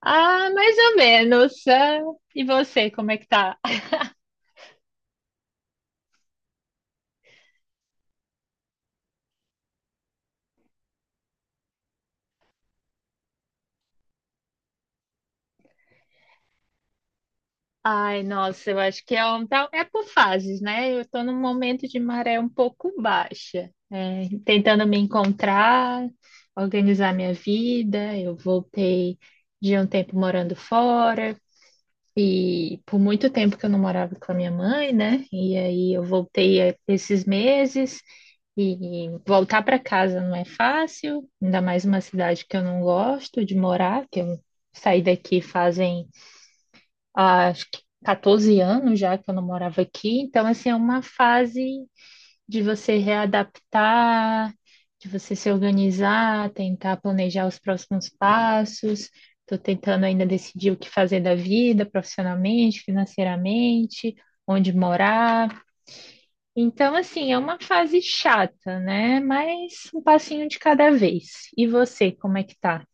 Ah, mais ou menos. Ah, e você, como é que tá? Ai, nossa, eu acho que é, tá- é por fases, né? Eu tô num momento de maré um pouco baixa, é, tentando me encontrar, organizar minha vida. Eu voltei de um tempo morando fora e por muito tempo que eu não morava com a minha mãe, né? E aí eu voltei esses meses. E voltar para casa não é fácil, ainda mais uma cidade que eu não gosto de morar, que eu saí daqui fazem, acho que 14 anos já que eu não morava aqui. Então, assim, é uma fase de você readaptar, de você se organizar, tentar planejar os próximos passos. Estou tentando ainda decidir o que fazer da vida, profissionalmente, financeiramente, onde morar. Então, assim, é uma fase chata, né? Mas um passinho de cada vez. E você, como é que tá?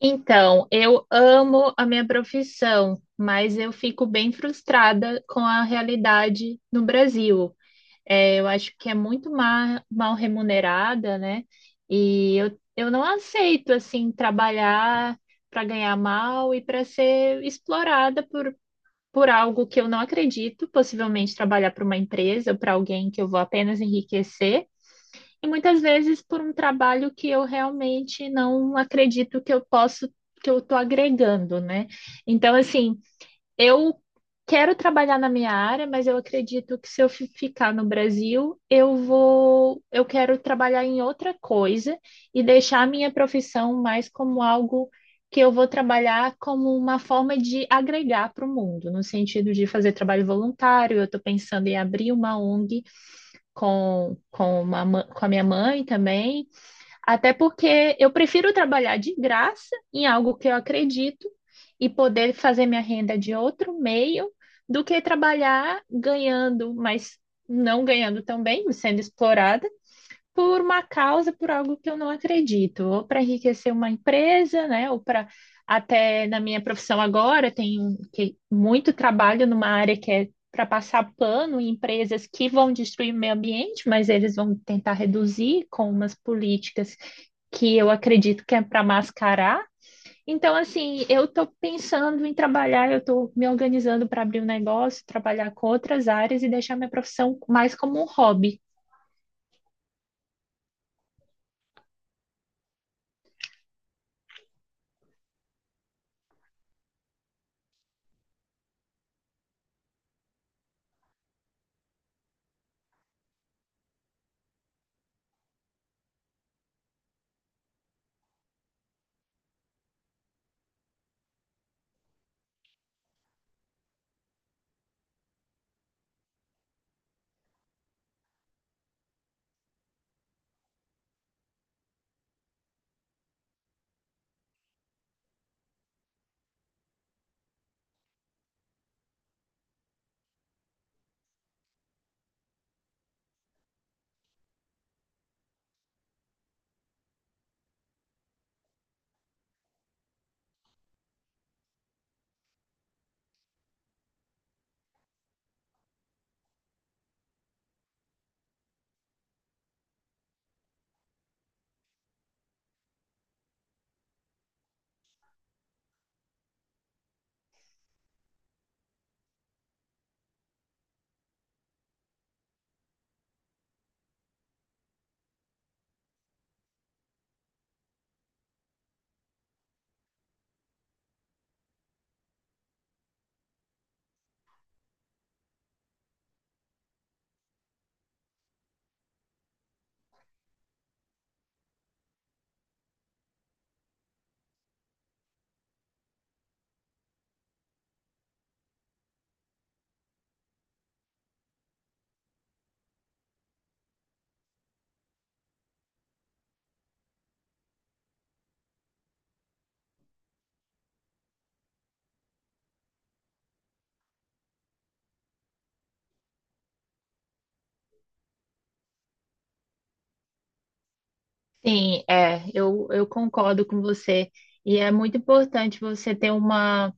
Então, eu amo a minha profissão, mas eu fico bem frustrada com a realidade no Brasil. É, eu acho que é muito mal remunerada, né? E eu não aceito, assim, trabalhar para ganhar mal e para ser explorada por algo que eu não acredito, possivelmente trabalhar para uma empresa, para alguém que eu vou apenas enriquecer, e muitas vezes por um trabalho que eu realmente não acredito que eu posso, que eu estou agregando, né? Então, assim, eu quero trabalhar na minha área, mas eu acredito que se eu ficar no Brasil, eu vou, eu quero trabalhar em outra coisa e deixar a minha profissão mais como algo que eu vou trabalhar como uma forma de agregar para o mundo, no sentido de fazer trabalho voluntário. Eu estou pensando em abrir uma ONG uma com a minha mãe também. Até porque eu prefiro trabalhar de graça em algo que eu acredito e poder fazer minha renda de outro meio do que trabalhar ganhando, mas não ganhando tão bem, sendo explorada por uma causa, por algo que eu não acredito, ou para enriquecer uma empresa, né? Ou para até na minha profissão agora tem muito trabalho numa área que é para passar pano em empresas que vão destruir o meio ambiente, mas eles vão tentar reduzir com umas políticas que eu acredito que é para mascarar. Então, assim, eu estou pensando em trabalhar, eu estou me organizando para abrir um negócio, trabalhar com outras áreas e deixar minha profissão mais como um hobby. Sim, é, eu concordo com você. E é muito importante você ter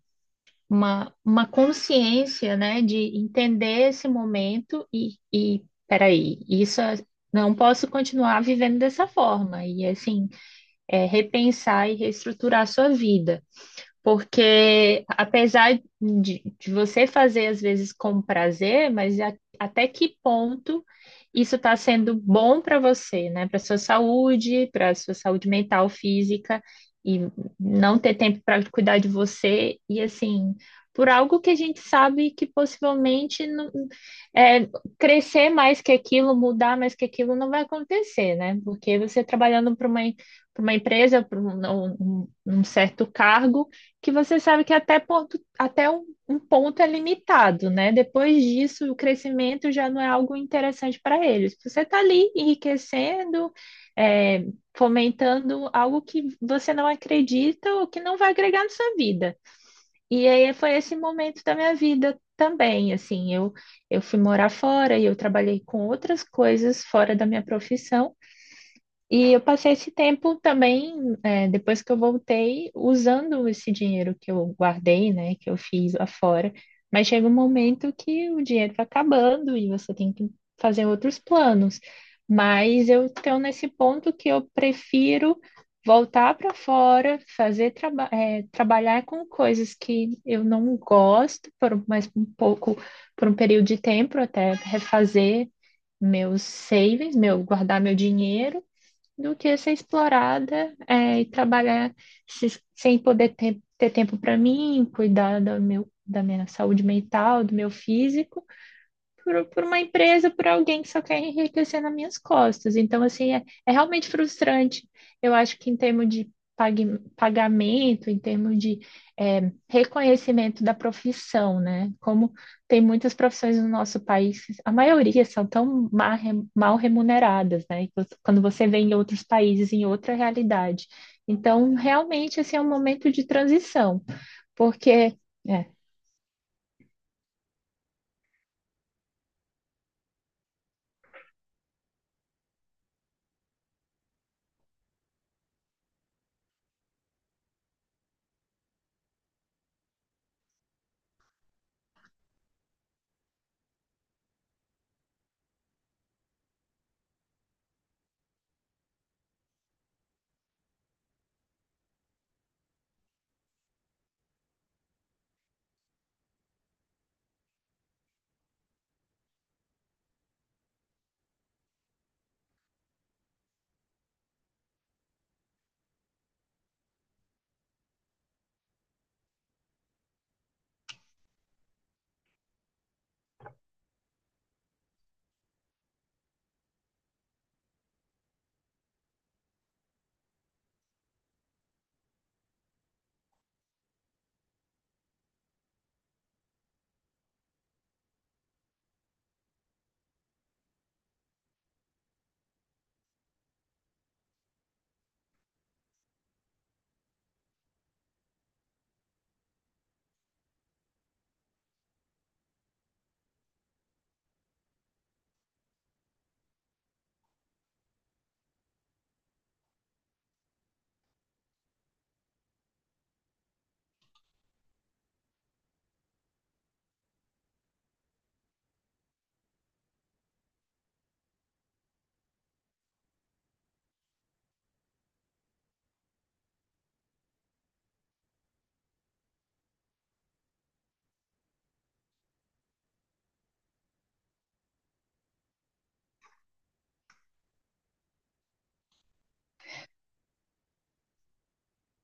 uma consciência, né, de entender esse momento e peraí, não posso continuar vivendo dessa forma. E assim, é, repensar e reestruturar a sua vida. Porque apesar de você fazer às vezes com prazer, mas até que ponto isso está sendo bom para você, né? Para sua saúde mental, física, e não ter tempo para cuidar de você, e assim, por algo que a gente sabe que possivelmente não, é, crescer mais que aquilo, mudar mais que aquilo não vai acontecer, né? Porque você trabalhando para uma empresa, para um, um certo cargo que você sabe que até, ponto, até um, um ponto é limitado, né? Depois disso, o crescimento já não é algo interessante para eles. Você está ali enriquecendo, é, fomentando algo que você não acredita ou que não vai agregar na sua vida. E aí foi esse momento da minha vida também, assim, eu fui morar fora e eu trabalhei com outras coisas fora da minha profissão, e eu passei esse tempo também, é, depois que eu voltei, usando esse dinheiro que eu guardei, né, que eu fiz lá fora. Mas chega um momento que o dinheiro vai acabando e você tem que fazer outros planos. Mas eu estou nesse ponto que eu prefiro voltar para fora, fazer traba é, trabalhar com coisas que eu não gosto, por mais um pouco, por um período de tempo, até refazer meus savings, meu guardar meu dinheiro do que ser explorada, é, e trabalhar sem poder ter tempo para mim, cuidar do meu, da minha saúde mental, do meu físico por uma empresa, por alguém que só quer enriquecer nas minhas costas. Então, assim, é, é realmente frustrante. Eu acho que em termos de pagamento, em termos de é, reconhecimento da profissão, né? Como tem muitas profissões no nosso país, a maioria são tão mal remuneradas, né? E você- Quando você vê em outros países, em outra realidade. Então, realmente, esse é um momento de transição, porque... é,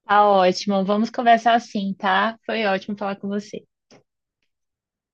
Tá ótimo. Vamos conversar assim, tá? Foi ótimo falar com você.